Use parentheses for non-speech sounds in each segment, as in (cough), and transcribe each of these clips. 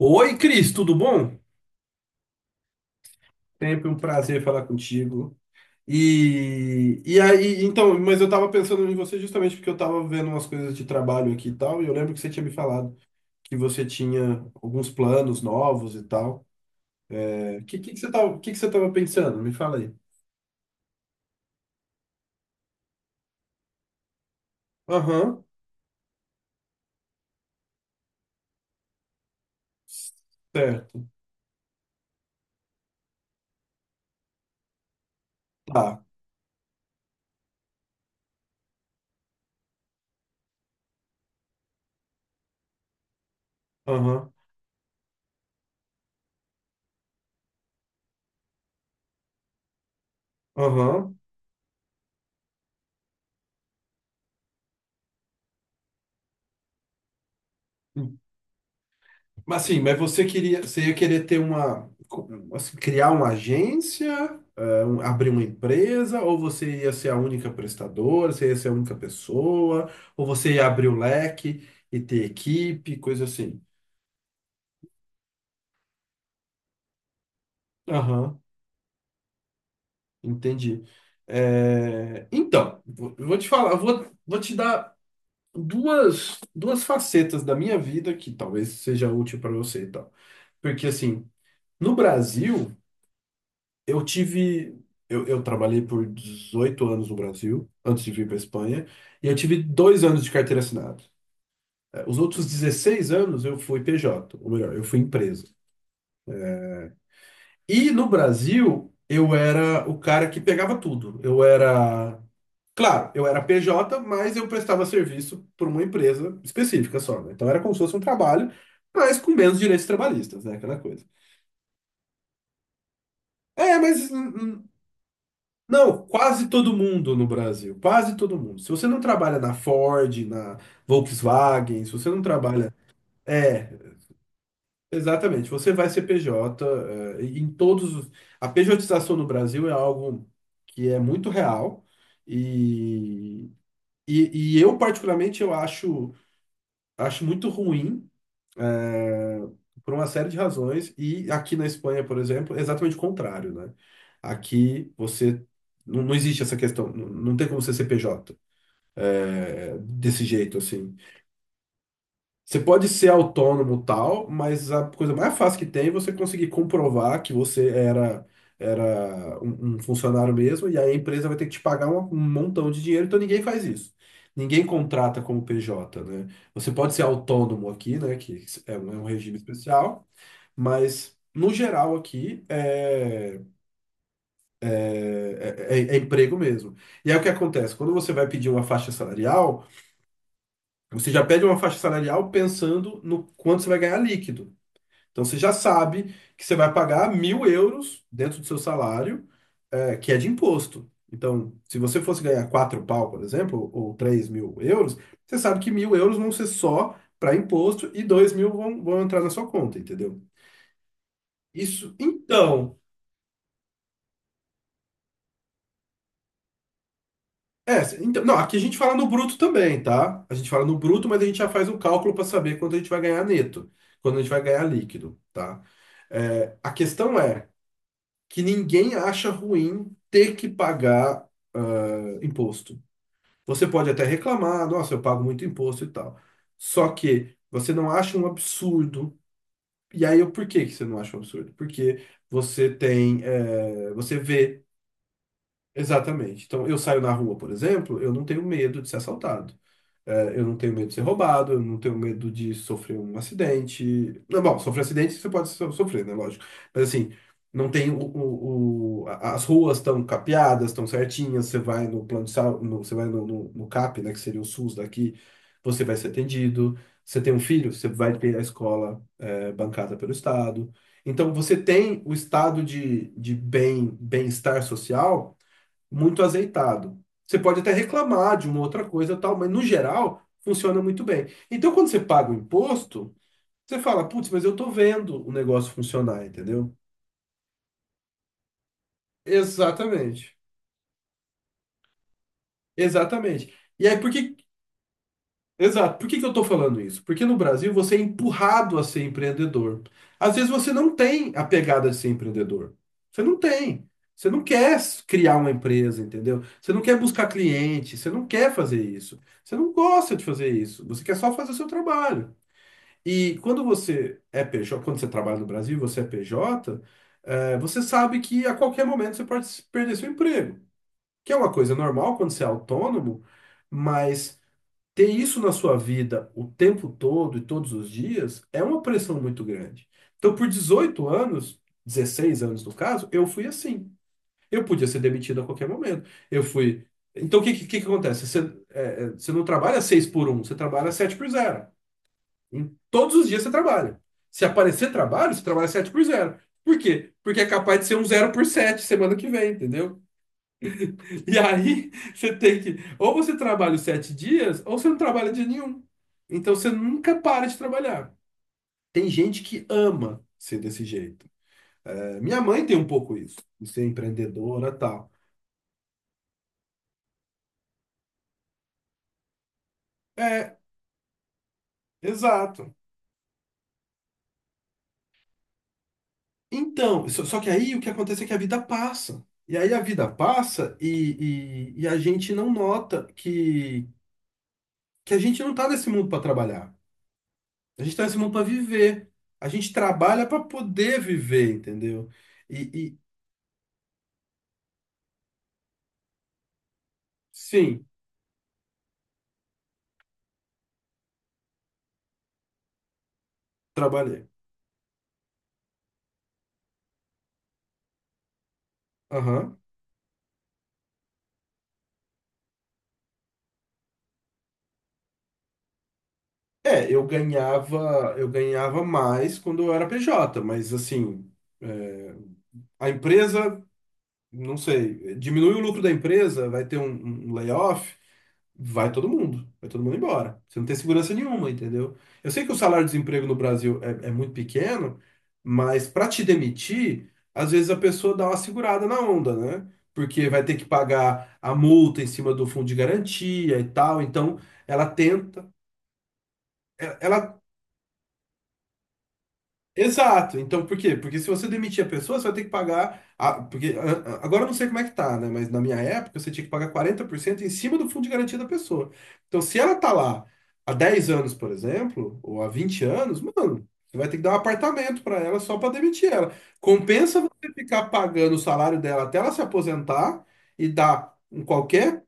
Oi, Cris, tudo bom? Sempre um prazer falar contigo. E aí, então, mas eu tava pensando em você justamente porque eu tava vendo umas coisas de trabalho aqui e tal, e eu lembro que você tinha me falado que você tinha alguns planos novos e tal. É, que você tava pensando? Me fala aí. Aham, certo. Tá. Aham, aham. Mas sim, mas você ia querer ter uma, assim, criar uma agência, abrir uma empresa, ou você ia ser a única prestadora, você ia ser a única pessoa, ou você ia abrir o leque e ter equipe, coisa assim. Aham, entendi. Então, vou te falar, vou te dar duas facetas da minha vida que talvez seja útil para você e tal. Porque assim, no Brasil, Eu tive. eu trabalhei por 18 anos no Brasil, antes de vir para Espanha, e eu tive 2 anos de carteira assinada. Os outros 16 anos eu fui PJ, ou melhor, eu fui empresa. E no Brasil, eu era o cara que pegava tudo. Eu era. Claro, eu era PJ, mas eu prestava serviço por uma empresa específica só, né? Então era como se fosse um trabalho, mas com menos direitos trabalhistas, né? Aquela coisa. É. Não, quase todo mundo no Brasil, quase todo mundo. Se você não trabalha na Ford, na Volkswagen, se você não trabalha. É, exatamente, você vai ser PJ, em todos os. A pejotização no Brasil é algo que é muito real, e, e eu, particularmente, acho muito ruim, é, por uma série de razões. E aqui na Espanha, por exemplo, é exatamente o contrário, né? Aqui você não, não existe essa questão, não tem como ser CPJ, desse jeito assim. Você pode ser autônomo tal, mas a coisa mais fácil que tem é você conseguir comprovar que você era um funcionário mesmo, e aí a empresa vai ter que te pagar um montão de dinheiro, então ninguém faz isso. Ninguém contrata como PJ, né? Você pode ser autônomo aqui, né? Que é um regime especial, mas, no geral, aqui é, é emprego mesmo. E aí o que acontece? Quando você vai pedir uma faixa salarial, você já pede uma faixa salarial pensando no quanto você vai ganhar líquido. Então você já sabe que você vai pagar 1.000 euros dentro do seu salário, que é de imposto. Então, se você fosse ganhar quatro pau, por exemplo, ou 3.000 euros, você sabe que 1.000 euros vão ser só para imposto e 2.000 vão entrar na sua conta, entendeu? Isso. Então, é, então, não, aqui a gente fala no bruto também, tá? A gente fala no bruto, mas a gente já faz um cálculo para saber quanto a gente vai ganhar neto, quando a gente vai ganhar líquido, tá? É, a questão é que ninguém acha ruim ter que pagar, ah, imposto. Você pode até reclamar, nossa, eu pago muito imposto e tal. Só que você não acha um absurdo. E aí, por que que você não acha um absurdo? Porque você vê exatamente. Então, eu saio na rua, por exemplo, eu não tenho medo de ser assaltado. É, eu não tenho medo de ser roubado, eu não tenho medo de sofrer um acidente. Não, bom, sofrer acidente você pode sofrer, né? Lógico. Mas assim, não tem as ruas estão capeadas, estão certinhas, você vai no plano de saúde, você vai no CAP, né? Que seria o SUS daqui, você vai ser atendido. Você tem um filho, você vai ter a escola, bancada pelo Estado. Então você tem o estado de bem-estar social muito azeitado. Você pode até reclamar de uma outra coisa e tal, mas no geral funciona muito bem. Então, quando você paga o imposto, você fala, putz, mas eu tô vendo o negócio funcionar, entendeu? Exatamente. Exatamente. E aí, por que Exato. Por que que eu estou falando isso? Porque no Brasil você é empurrado a ser empreendedor. Às vezes você não tem a pegada de ser empreendedor. Você não tem. Você não quer criar uma empresa, entendeu? Você não quer buscar cliente, você não quer fazer isso. Você não gosta de fazer isso. Você quer só fazer o seu trabalho. E quando você é PJ, quando você trabalha no Brasil, você é PJ, você sabe que a qualquer momento você pode perder seu emprego, que é uma coisa normal quando você é autônomo. Mas ter isso na sua vida o tempo todo e todos os dias é uma pressão muito grande. Então, por 18 anos, 16 anos no caso, eu fui assim. Eu podia ser demitido a qualquer momento. Eu fui. Então, o que que acontece? Você não trabalha 6 por um, você trabalha 7 por zero. Todos os dias você trabalha. Se aparecer trabalho, você trabalha 7 por zero. Por quê? Porque é capaz de ser um zero por 7 semana que vem, entendeu? E aí, ou você trabalha os sete dias, ou você não trabalha dia nenhum. Então, você nunca para de trabalhar. Tem gente que ama ser desse jeito. É, minha mãe tem um pouco isso, de ser empreendedora e tal. É, exato. Então, só que aí o que acontece é que a vida passa. E aí a vida passa, e a gente não nota que a gente não está nesse mundo para trabalhar. A gente está nesse mundo para viver. A gente trabalha para poder viver, entendeu? E, e- Sim. Trabalhei. Aham. É, eu ganhava mais quando eu era PJ, mas assim, é, a empresa, não sei, diminui o lucro da empresa, vai ter um layoff, vai todo mundo embora. Você não tem segurança nenhuma, entendeu? Eu sei que o salário-desemprego no Brasil é muito pequeno, mas para te demitir, às vezes a pessoa dá uma segurada na onda, né? Porque vai ter que pagar a multa em cima do fundo de garantia e tal, então ela tenta. Ela, ela- Exato. Então, por quê? Porque se você demitir a pessoa, você vai ter que pagar. Agora eu não sei como é que tá, né? Mas na minha época, você tinha que pagar 40% em cima do fundo de garantia da pessoa. Então, se ela tá lá há 10 anos, por exemplo, ou há 20 anos, mano, você vai ter que dar um apartamento para ela só para demitir ela. Compensa você ficar pagando o salário dela até ela se aposentar e dar um qualquer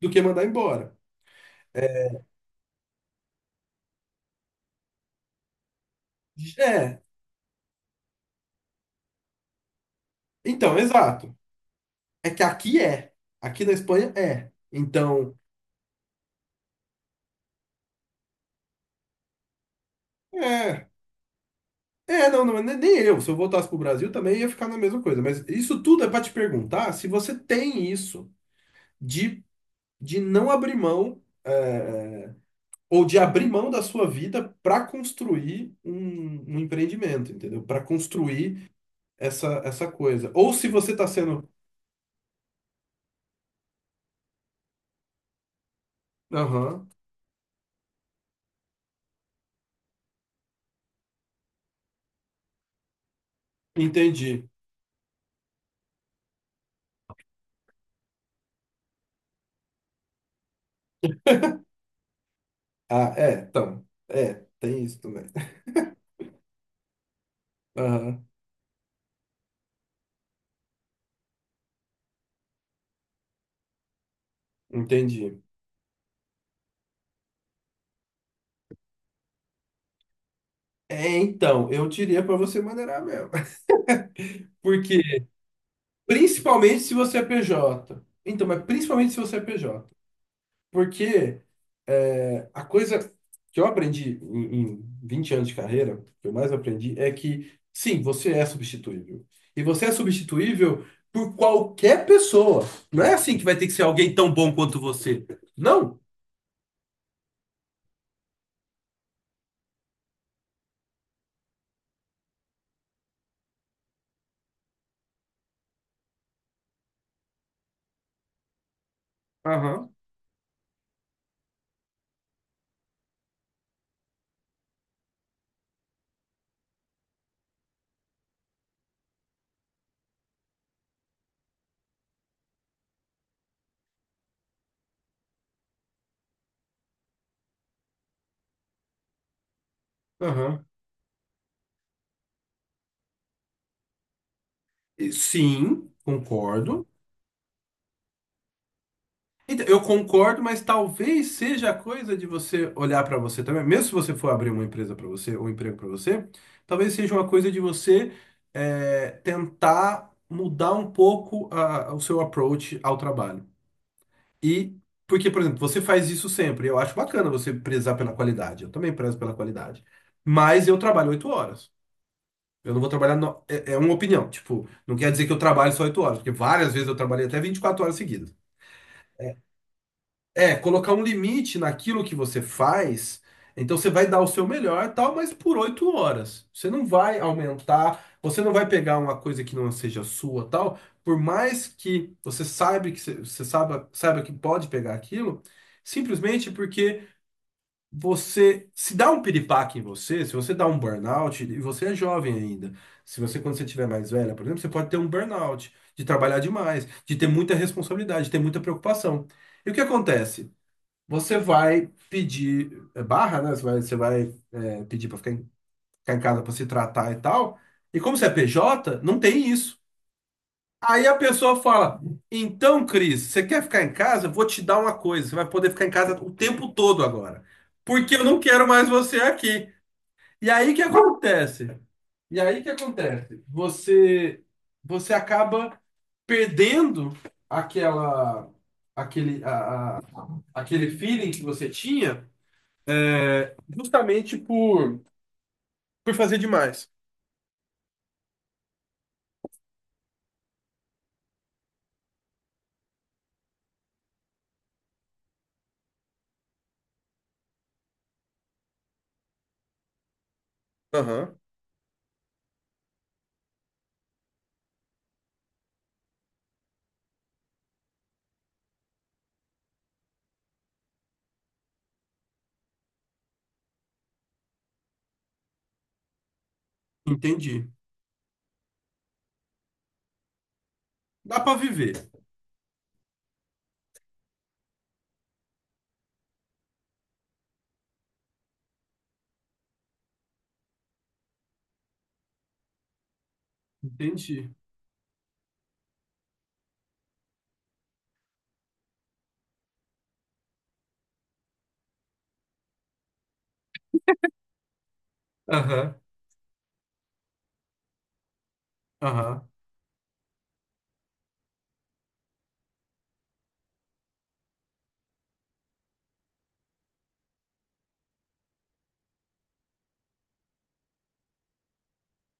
do que mandar embora. É, então, exato. É que aqui é. Aqui na Espanha é. Então, é. É, não, nem eu. Se eu voltasse pro Brasil também ia ficar na mesma coisa. Mas isso tudo é para te perguntar se você tem isso de, de não abrir mão, ou de abrir mão da sua vida para construir um empreendimento, entendeu? Para construir essa coisa. Ou se você tá sendo. Aham, entendi. Ah, é, então. É, tem isso também. Aham, entendi. É, então, eu diria para você maneirar mesmo. (laughs) Porque, principalmente se você é PJ. Então, mas principalmente se você é PJ. Porque, a coisa que eu aprendi em 20 anos de carreira, que eu mais aprendi, é que, sim, você é substituível. E você é substituível por qualquer pessoa. Não é assim que vai ter que ser alguém tão bom quanto você. Não. Aham, aham. E sim, concordo. Então, eu concordo, mas talvez seja a coisa de você olhar para você também, mesmo se você for abrir uma empresa para você, ou um emprego para você, talvez seja uma coisa de você, tentar mudar um pouco o seu approach ao trabalho. E porque, por exemplo, você faz isso sempre, eu acho bacana você prezar pela qualidade, eu também prezo pela qualidade, mas eu trabalho 8 horas. Eu não vou trabalhar. É uma opinião. Tipo, não quer dizer que eu trabalho só 8 horas, porque várias vezes eu trabalhei até 24 horas seguidas. É, colocar um limite naquilo que você faz. Então você vai dar o seu melhor, e tal, mas por 8 horas. Você não vai aumentar, você não vai pegar uma coisa que não seja sua, tal. Por mais que você saiba que você você saiba, saiba que pode pegar aquilo, simplesmente porque você se dá um piripaque em você, se você dá um burnout, e você é jovem ainda. Se você, quando você estiver mais velha, por exemplo, você pode ter um burnout, de trabalhar demais, de ter muita responsabilidade, de ter muita preocupação. E o que acontece? Você vai pedir, barra, né? Você vai pedir para ficar em casa para se tratar e tal. E como você é PJ, não tem isso. Aí a pessoa fala: Então, Cris, você quer ficar em casa? Eu vou te dar uma coisa. Você vai poder ficar em casa o tempo todo agora. Porque eu não quero mais você aqui. E aí o que acontece? E aí o que acontece? Você acaba perdendo aquela, aquele, a- aquele feeling que você tinha. Justamente por fazer demais. Aham. Entendi. Dá pra viver. Entendi. Aham, aham.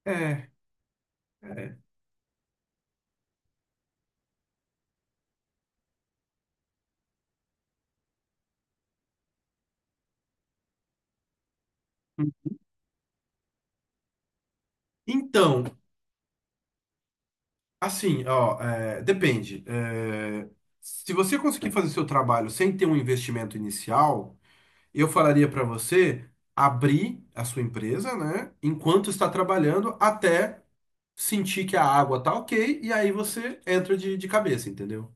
É, é. Então, assim, ó, depende. Se você conseguir fazer seu trabalho sem ter um investimento inicial, eu falaria pra você abrir a sua empresa, né, enquanto está trabalhando, até sentir que a água tá ok, e aí você entra de cabeça, entendeu?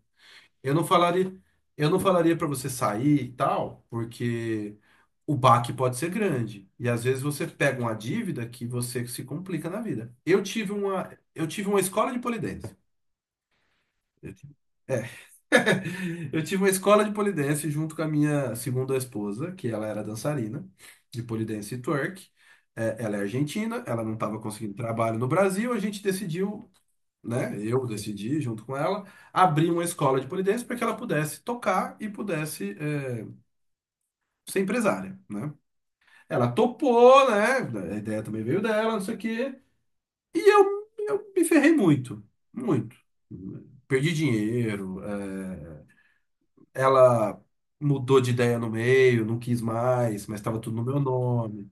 Eu não falaria, eu não falaria para você sair e tal, porque o baque pode ser grande. E às vezes você pega uma dívida que você se complica na vida. Eu tive uma escola de pole dance. (laughs) Eu tive uma escola de pole dance junto com a minha segunda esposa, que ela era dançarina de pole dance e twerk. Ela é argentina, ela não estava conseguindo trabalho no Brasil, a gente decidiu, né? Eu decidi, junto com ela, abrir uma escola de pole dance para que ela pudesse tocar e pudesse ser empresária, né? Ela topou, né? A ideia também veio dela, não sei o quê. E eu me ferrei muito, muito. Perdi dinheiro, ela mudou de ideia no meio, não quis mais, mas estava tudo no meu nome.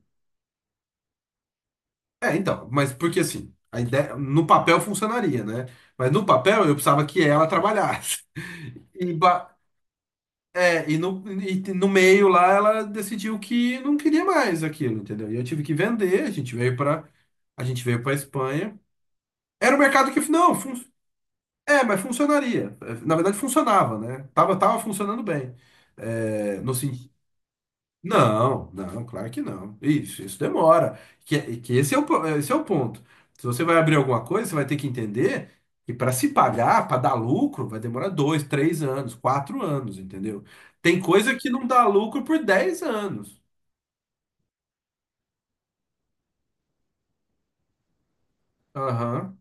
Então, mas porque assim, a ideia no papel funcionaria, né? Mas no papel eu precisava que ela trabalhasse. (laughs) E, ba- e no meio lá ela decidiu que não queria mais aquilo, entendeu? E eu tive que vender, a gente veio para a gente veio para Espanha. Era um mercado que não, mas funcionaria. Na verdade funcionava, né? Tava funcionando bem. É, no, sen- não, não, claro que não. Isso demora. Que esse é o ponto. Se você vai abrir alguma coisa, você vai ter que entender que para se pagar, para dar lucro, vai demorar dois, três anos, quatro anos, entendeu? Tem coisa que não dá lucro por 10 anos. Aham.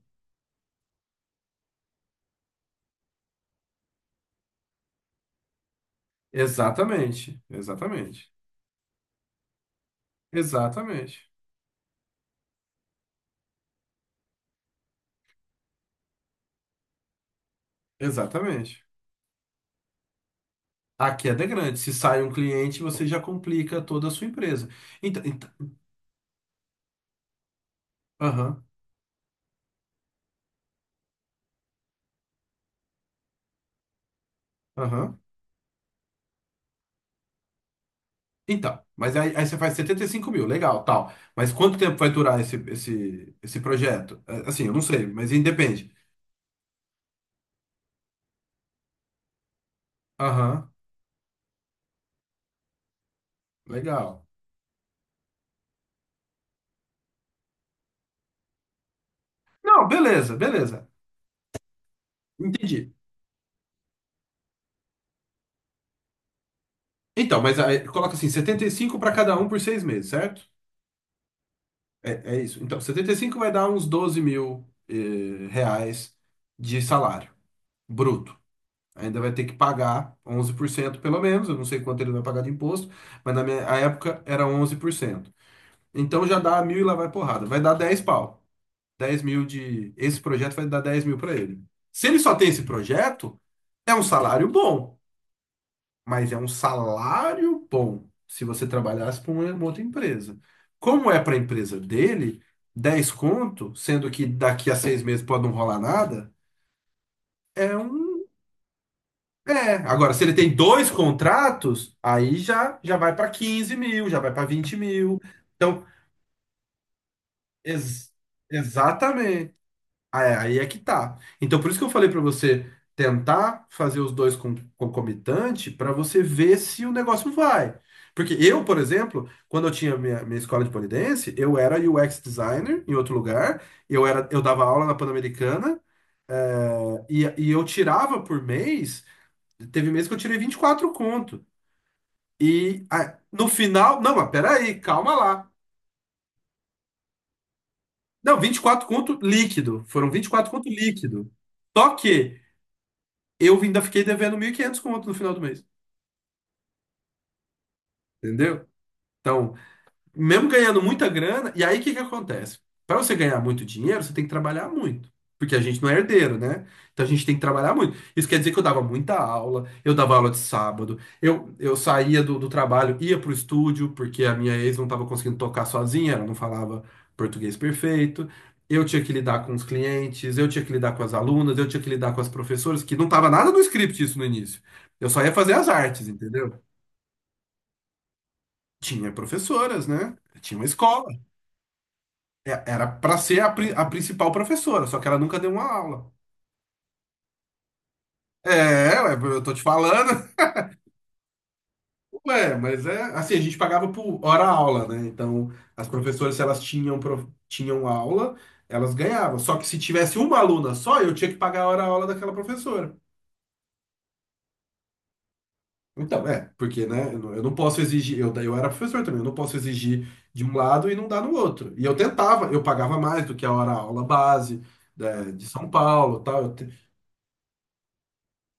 Exatamente, exatamente, exatamente, exatamente. A queda é grande. Se sai um cliente, você já complica toda a sua empresa. Então, aham, aham. Então, mas aí você faz 75 mil, legal, tal. Mas quanto tempo vai durar esse projeto? Assim, eu não sei, mas independe. Aham, legal. Não, beleza, beleza. Entendi. Então, mas aí coloca assim, 75 para cada um por 6 meses, certo? É, é isso. Então, 75 vai dar uns 12 mil reais de salário bruto. Ainda vai ter que pagar 11% pelo menos, eu não sei quanto ele vai pagar de imposto, mas na minha época era 11%. Então já dá mil e lá vai porrada. Vai dar 10 pau. 10 mil de. Esse projeto vai dar 10 mil para ele. Se ele só tem esse projeto, é um salário bom. Mas é um salário bom se você trabalhasse para uma outra empresa. Como é para a empresa dele, 10 conto, sendo que daqui a 6 meses pode não rolar nada, é um. É. Agora, se ele tem dois contratos, aí já vai para 15 mil, já vai para 20 mil. Então, ex- exatamente. Ah, aí é que tá. Então, por isso que eu falei pra você tentar fazer os dois concomitante pra você ver se o negócio vai. Porque eu, por exemplo, quando eu tinha minha escola de pole dance, eu era UX designer em outro lugar, eu dava aula na Pan-Americana e eu tirava por mês, teve mês que eu tirei 24 conto. E no final, não, mas peraí, calma lá. Não, 24 conto líquido, foram 24 conto líquido. Só que eu ainda fiquei devendo 1.500 conto no final do mês, entendeu? Então, mesmo ganhando muita grana, e aí o que que acontece? Para você ganhar muito dinheiro, você tem que trabalhar muito. Porque a gente não é herdeiro, né? Então a gente tem que trabalhar muito. Isso quer dizer que eu dava muita aula, eu dava aula de sábado, eu saía do trabalho, ia pro estúdio, porque a minha ex não estava conseguindo tocar sozinha, ela não falava português perfeito. Eu tinha que lidar com os clientes, eu tinha que lidar com as alunas, eu tinha que lidar com as professoras, que não estava nada no script isso no início. Eu só ia fazer as artes, entendeu? Tinha professoras, né? Tinha uma escola. Era pra ser a principal professora, só que ela nunca deu uma aula. Ué, eu tô te falando. (laughs) Ué, mas é assim, a gente pagava por hora aula, né? Então, as professoras, se elas tinham aula, elas ganhavam. Só que se tivesse uma aluna só, eu tinha que pagar a hora aula daquela professora. Então, porque, né, eu não posso exigir, eu era professor também, eu não posso exigir de um lado e não dar no outro. E eu tentava, eu pagava mais do que a hora aula base, né, de São Paulo, tal.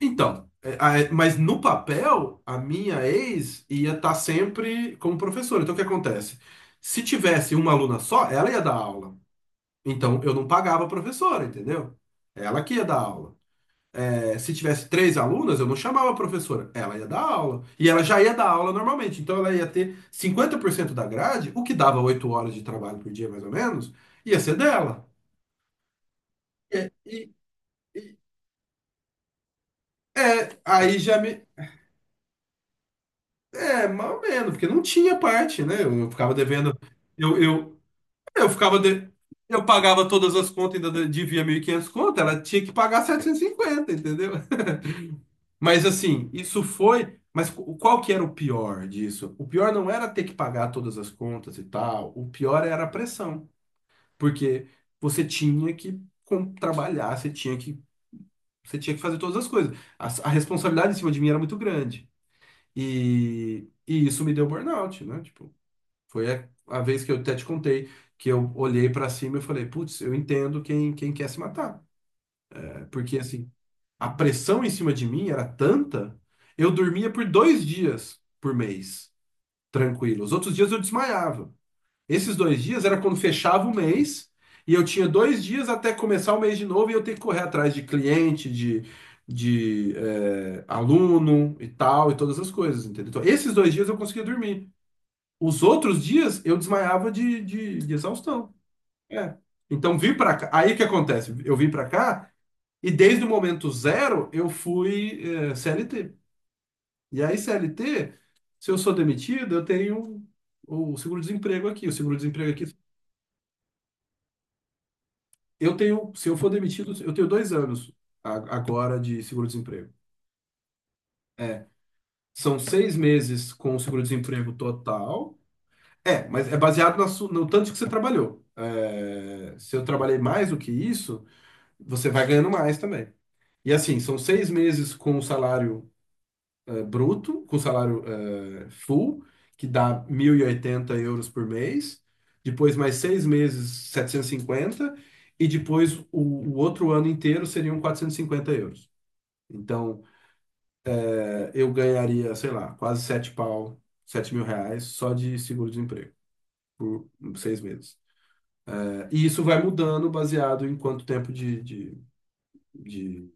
Então, mas no papel, a minha ex ia estar sempre como professora. Então, o que acontece? Se tivesse uma aluna só, ela ia dar aula. Então, eu não pagava a professora, entendeu? Ela que ia dar aula. Se tivesse três alunas, eu não chamava a professora. Ela ia dar aula. E ela já ia dar aula normalmente. Então, ela ia ter 50% da grade, o que dava 8 horas de trabalho por dia, mais ou menos, ia ser dela. E aí já me. É, mais ou menos, porque não tinha parte, né? Eu ficava devendo. Eu, eu, eu ficava de- eu pagava todas as contas, ainda devia 1.500 conto, ela tinha que pagar 750, entendeu? (laughs) Mas assim, isso foi. Mas qual que era o pior disso? O pior não era ter que pagar todas as contas e tal, o pior era a pressão, porque você tinha que trabalhar, você tinha que fazer todas as coisas. A responsabilidade em cima de mim era muito grande. E isso me deu burnout, né? Tipo. Foi a vez que eu até te contei, que eu olhei pra cima e falei, putz, eu entendo quem quer se matar. Porque, assim, a pressão em cima de mim era tanta, eu dormia por 2 dias por mês, tranquilo. Os outros dias eu desmaiava. Esses 2 dias era quando fechava o mês, e eu tinha 2 dias até começar o mês de novo, e eu ter que correr atrás de cliente, aluno e tal, e todas as coisas, entendeu? Então, esses 2 dias eu conseguia dormir. Os outros dias eu desmaiava de exaustão. É. Então vim pra cá. Aí o que acontece? Eu vim pra cá e desde o momento zero eu fui CLT. E aí CLT, se eu sou demitido, eu tenho o seguro-desemprego aqui. O seguro-desemprego aqui, eu tenho, se eu for demitido, eu tenho 2 anos agora de seguro-desemprego. É. São 6 meses com o seguro-desemprego total. É, mas é baseado no tanto que você trabalhou. É, se eu trabalhei mais do que isso, você vai ganhando mais também. E assim, são seis meses com o salário bruto, com o salário full, que dá 1.080 euros por mês, depois mais 6 meses, 750 e depois o outro ano inteiro seriam 450 euros. Então, eu ganharia, sei lá, quase sete pau, 7 mil reais só de seguro-desemprego. Por seis meses. E isso vai mudando baseado em quanto tempo de.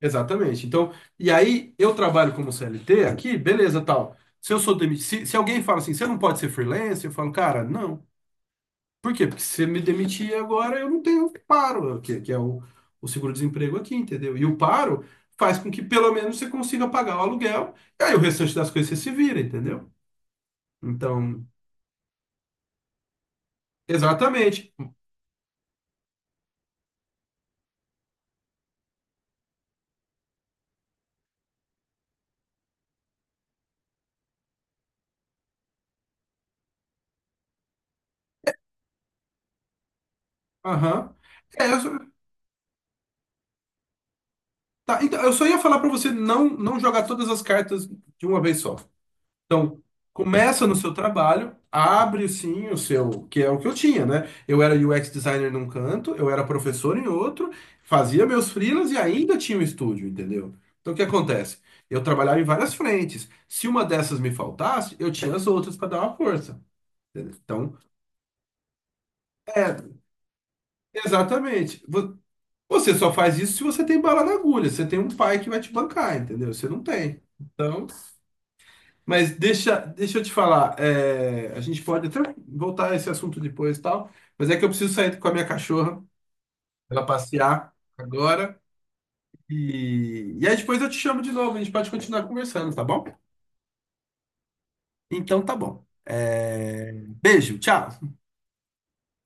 Exatamente. Então, e aí eu trabalho como CLT aqui, beleza, tal. Se eu sou demitido, se alguém fala assim, você não pode ser freelancer, eu falo, cara, não. Por quê? Porque se você me demitir agora, eu não tenho paro, que é o seguro-desemprego aqui, entendeu? E o paro faz com que pelo menos você consiga pagar o aluguel, e aí o restante das coisas você se vira, entendeu? Então, exatamente. Aham. É, eu, só- tá, então, eu só ia falar pra você não, não jogar todas as cartas de uma vez só. Então, começa no seu trabalho, abre sim o seu, que é o que eu tinha, né? Eu era UX designer num canto, eu era professor em outro, fazia meus freelas e ainda tinha um estúdio, entendeu? Então, o que acontece? Eu trabalhava em várias frentes. Se uma dessas me faltasse, eu tinha as outras para dar uma força, entendeu? Então, é, exatamente. Você só faz isso se você tem bala na agulha, você tem um pai que vai te bancar, entendeu? Você não tem. Então, mas deixa eu te falar, a gente pode até voltar a esse assunto depois e tal, mas é que eu preciso sair com a minha cachorra pra ela passear agora. E aí depois eu te chamo de novo, a gente pode continuar conversando, tá bom? Então tá bom. Beijo, tchau.